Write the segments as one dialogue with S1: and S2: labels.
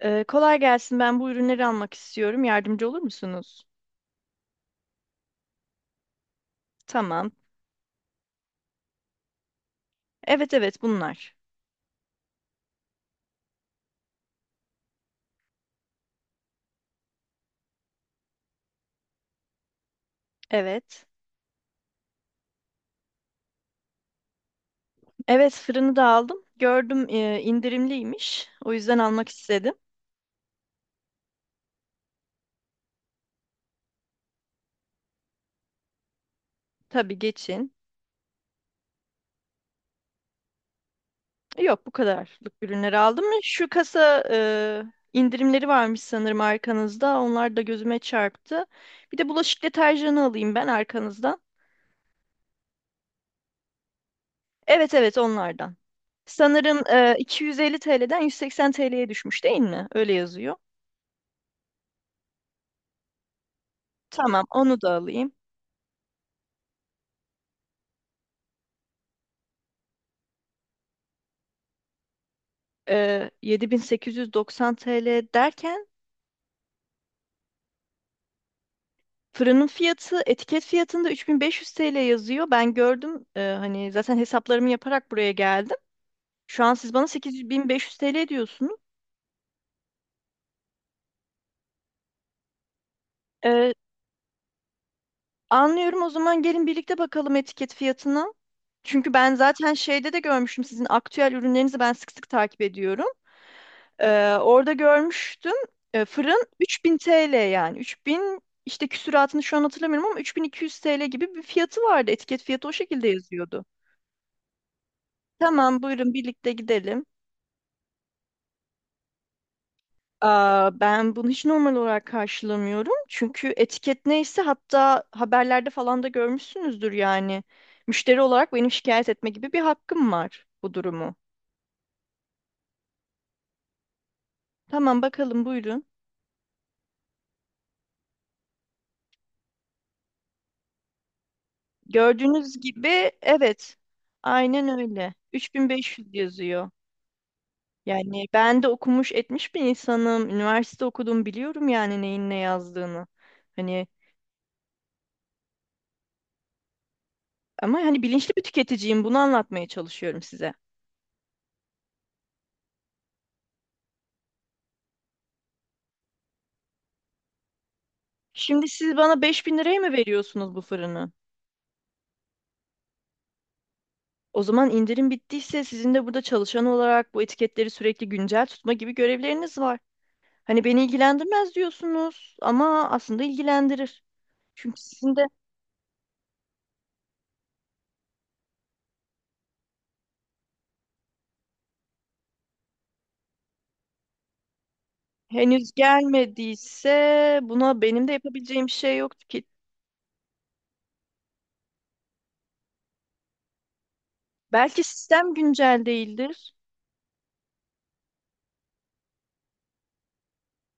S1: Kolay gelsin. Ben bu ürünleri almak istiyorum. Yardımcı olur musunuz? Tamam. Evet, evet, bunlar. Evet. Evet, fırını da aldım. Gördüm, indirimliymiş. O yüzden almak istedim. Tabii geçin. Yok, bu kadarlık ürünleri aldım. Şu kasa indirimleri varmış sanırım arkanızda. Onlar da gözüme çarptı. Bir de bulaşık deterjanı alayım ben arkanızdan. Evet, evet, onlardan. Sanırım 250 TL'den 180 TL'ye düşmüş, değil mi? Öyle yazıyor. Tamam, onu da alayım. 7890 TL derken, fırının fiyatı etiket fiyatında 3500 TL yazıyor. Ben gördüm, hani zaten hesaplarımı yaparak buraya geldim. Şu an siz bana 8500 TL diyorsunuz. Ee, anlıyorum, o zaman gelin birlikte bakalım etiket fiyatına. Çünkü ben zaten şeyde de görmüştüm, sizin aktüel ürünlerinizi ben sık sık takip ediyorum. Orada görmüştüm. Fırın 3000 TL yani. 3000 işte, küsuratını şu an hatırlamıyorum ama 3200 TL gibi bir fiyatı vardı. Etiket fiyatı o şekilde yazıyordu. Tamam, buyurun birlikte gidelim. Aa, ben bunu hiç normal olarak karşılamıyorum. Çünkü etiket neyse, hatta haberlerde falan da görmüşsünüzdür yani. Müşteri olarak benim şikayet etme gibi bir hakkım var bu durumu. Tamam, bakalım, buyurun. Gördüğünüz gibi, evet. Aynen öyle. 3500 yazıyor. Yani ben de okumuş etmiş bir insanım. Üniversite okudum, biliyorum yani neyin ne yazdığını. Hani, ama hani bilinçli bir tüketiciyim, bunu anlatmaya çalışıyorum size. Şimdi siz bana 5.000 liraya mı veriyorsunuz bu fırını? O zaman indirim bittiyse, sizin de burada çalışan olarak bu etiketleri sürekli güncel tutma gibi görevleriniz var. Hani beni ilgilendirmez diyorsunuz ama aslında ilgilendirir. Çünkü sizin de henüz gelmediyse, buna benim de yapabileceğim bir şey yok ki. Belki sistem güncel değildir.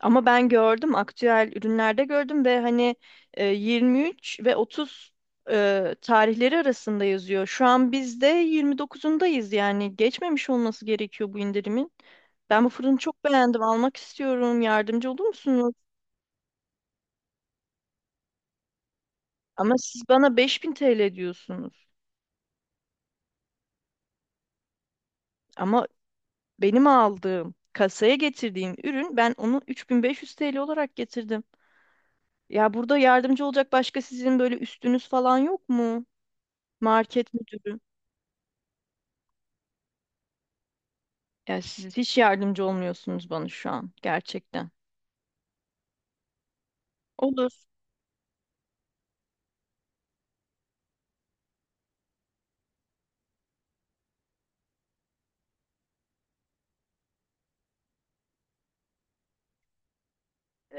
S1: Ama ben gördüm, aktüel ürünlerde gördüm ve hani, 23 ve 30 tarihleri arasında yazıyor. Şu an biz de 29'undayız, yani geçmemiş olması gerekiyor bu indirimin. Ben bu fırını çok beğendim, almak istiyorum, yardımcı olur musunuz? Ama siz bana 5000 TL diyorsunuz. Ama benim aldığım, kasaya getirdiğim ürün, ben onu 3500 TL olarak getirdim. Ya burada yardımcı olacak başka, sizin böyle üstünüz falan yok mu? Market müdürü. Ya siz hiç yardımcı olmuyorsunuz bana şu an gerçekten. Olur.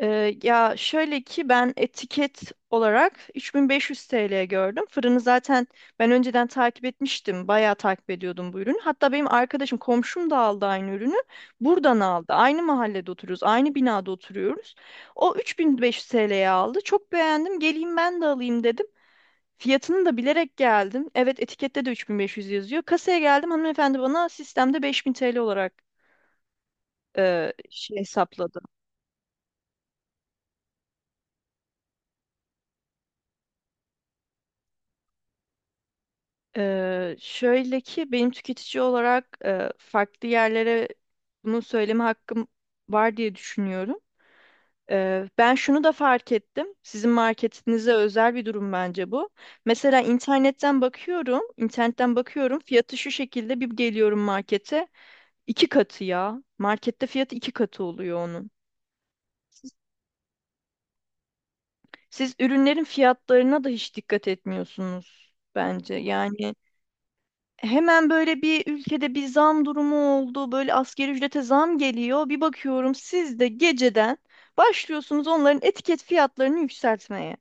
S1: Ya şöyle ki, ben etiket olarak 3500 TL gördüm. Fırını zaten ben önceden takip etmiştim. Bayağı takip ediyordum bu ürünü. Hatta benim arkadaşım, komşum da aldı aynı ürünü. Buradan aldı. Aynı mahallede oturuyoruz. Aynı binada oturuyoruz. O 3500 TL'ye aldı. Çok beğendim. Geleyim ben de alayım dedim. Fiyatını da bilerek geldim. Evet, etikette de 3500 yazıyor. Kasaya geldim. Hanımefendi bana sistemde 5000 TL olarak şey hesapladı. Şöyle ki benim tüketici olarak farklı yerlere bunu söyleme hakkım var diye düşünüyorum. Ben şunu da fark ettim. Sizin marketinize özel bir durum bence bu. Mesela internetten bakıyorum, internetten bakıyorum. Fiyatı şu şekilde, bir geliyorum markete. İki katı ya. Markette fiyatı iki katı oluyor onun. Siz ürünlerin fiyatlarına da hiç dikkat etmiyorsunuz bence. Yani, hemen böyle bir ülkede bir zam durumu oldu. Böyle asgari ücrete zam geliyor. Bir bakıyorum, siz de geceden başlıyorsunuz onların etiket fiyatlarını yükseltmeye.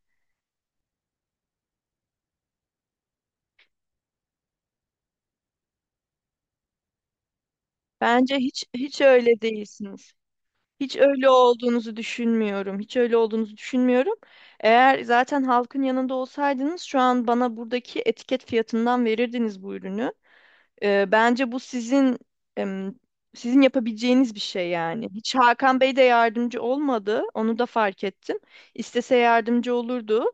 S1: Bence hiç hiç öyle değilsiniz. Hiç öyle olduğunuzu düşünmüyorum. Hiç öyle olduğunuzu düşünmüyorum. Eğer zaten halkın yanında olsaydınız, şu an bana buradaki etiket fiyatından verirdiniz bu ürünü. Bence bu em, sizin yapabileceğiniz bir şey yani. Hiç Hakan Bey de yardımcı olmadı. Onu da fark ettim. İstese yardımcı olurdu.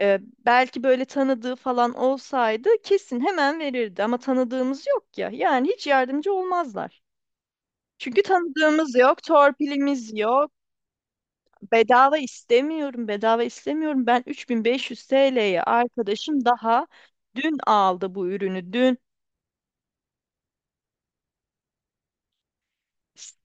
S1: Ee, belki böyle tanıdığı falan olsaydı, kesin hemen verirdi. Ama tanıdığımız yok ya. Yani hiç yardımcı olmazlar. Çünkü tanıdığımız yok, torpilimiz yok. Bedava istemiyorum, bedava istemiyorum. Ben 3500 TL'ye, arkadaşım daha dün aldı bu ürünü. Dün.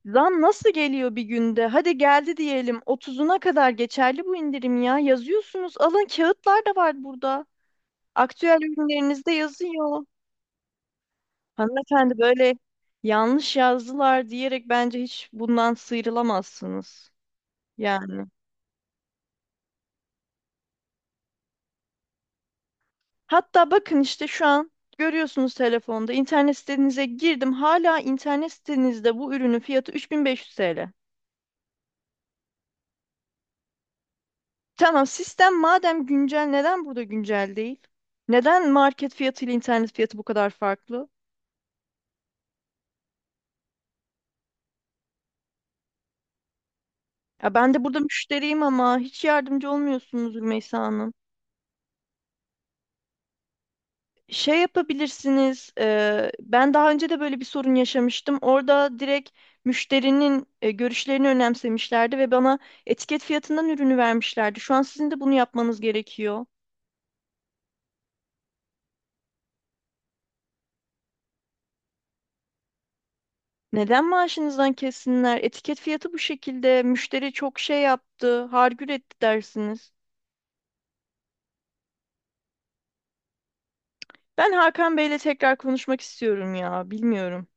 S1: Zam nasıl geliyor bir günde? Hadi geldi diyelim. Otuzuna kadar geçerli bu indirim ya. Yazıyorsunuz. Alın, kağıtlar da var burada. Aktüel ürünlerinizde yazıyor. Hanımefendi, böyle yanlış yazdılar diyerek bence hiç bundan sıyrılamazsınız. Yani. Hatta bakın işte şu an görüyorsunuz telefonda. İnternet sitenize girdim. Hala internet sitenizde bu ürünün fiyatı 3500 TL. Tamam, sistem madem güncel, neden burada güncel değil? Neden market fiyatı ile internet fiyatı bu kadar farklı? Ya ben de burada müşteriyim ama hiç yardımcı olmuyorsunuz Rümeysa Hanım. Şey yapabilirsiniz, ben daha önce de böyle bir sorun yaşamıştım. Orada direkt müşterinin görüşlerini önemsemişlerdi ve bana etiket fiyatından ürünü vermişlerdi. Şu an sizin de bunu yapmanız gerekiyor. Neden maaşınızdan kessinler? Etiket fiyatı bu şekilde. Müşteri çok şey yaptı, hargür etti dersiniz. Ben Hakan Bey'le tekrar konuşmak istiyorum ya. Bilmiyorum.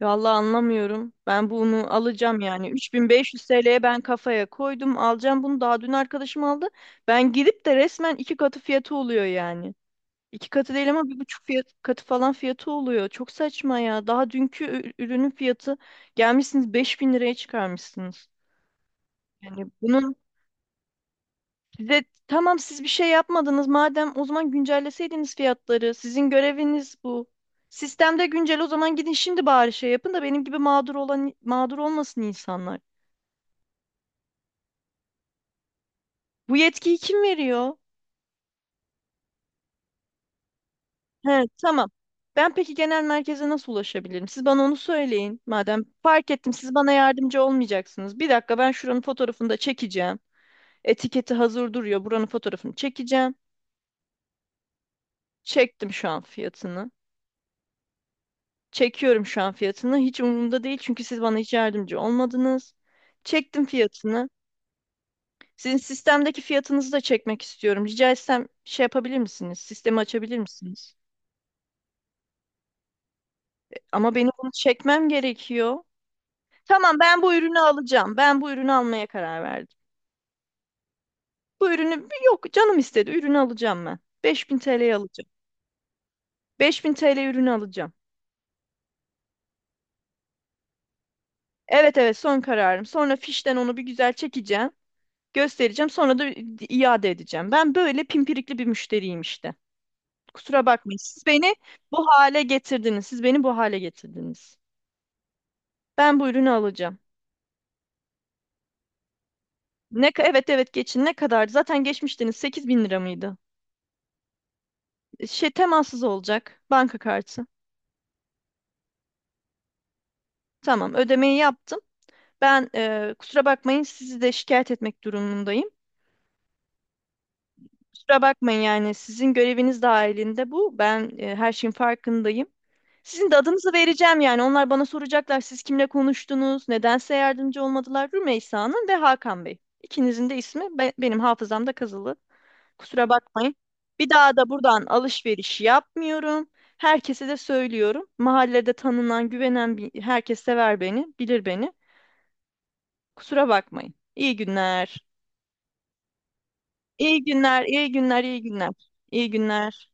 S1: Vallahi anlamıyorum. Ben bunu alacağım yani. 3500 TL'ye ben kafaya koydum. Alacağım bunu. Daha dün arkadaşım aldı. Ben gidip de resmen iki katı fiyatı oluyor yani. İki katı değil ama bir buçuk fiyat, katı falan fiyatı oluyor. Çok saçma ya. Daha dünkü ürünün fiyatı, gelmişsiniz 5000 liraya çıkarmışsınız. Yani bunun. Size, tamam, siz bir şey yapmadınız, madem o zaman güncelleseydiniz fiyatları. Sizin göreviniz bu. Sistemde güncel, o zaman gidin şimdi bari şey yapın da benim gibi mağdur olan mağdur olmasın insanlar. Bu yetkiyi kim veriyor? He, tamam. Ben, peki, genel merkeze nasıl ulaşabilirim? Siz bana onu söyleyin. Madem fark ettim siz bana yardımcı olmayacaksınız. Bir dakika, ben şuranın fotoğrafını da çekeceğim. Etiketi hazır duruyor. Buranın fotoğrafını çekeceğim. Çektim şu an fiyatını. Çekiyorum şu an fiyatını. Hiç umurumda değil, çünkü siz bana hiç yardımcı olmadınız. Çektim fiyatını. Sizin sistemdeki fiyatınızı da çekmek istiyorum. Rica etsem şey yapabilir misiniz? Sistemi açabilir misiniz? Ama benim bunu çekmem gerekiyor. Tamam, ben bu ürünü alacağım. Ben bu ürünü almaya karar verdim. Bu ürünü yok canım istedi. Ürünü alacağım ben. 5000 TL'ye alacağım. 5000 TL ürünü alacağım. Evet, evet, son kararım. Sonra fişten onu bir güzel çekeceğim. Göstereceğim, sonra da iade edeceğim. Ben böyle pimpirikli bir müşteriyim işte. Kusura bakmayın. Siz beni bu hale getirdiniz. Siz beni bu hale getirdiniz. Ben bu ürünü alacağım. Ne, evet, evet, geçin, ne kadardı? Zaten geçmiştiniz, 8 bin lira mıydı? Şey, temassız olacak. Banka kartı. Tamam, ödemeyi yaptım. Ben, kusura bakmayın, sizi de şikayet etmek durumundayım. Kusura bakmayın, yani sizin göreviniz dahilinde bu. Ben, her şeyin farkındayım. Sizin de adınızı vereceğim yani. Onlar bana soracaklar, siz kimle konuştunuz, nedense yardımcı olmadılar. Rümeysa'nın ve Hakan Bey. İkinizin de ismi benim hafızamda kazılı. Kusura bakmayın. Bir daha da buradan alışveriş yapmıyorum. Herkese de söylüyorum. Mahallede tanınan, güvenen bir, herkes sever beni, bilir beni. Kusura bakmayın. İyi günler. İyi günler, iyi günler, iyi günler. İyi günler.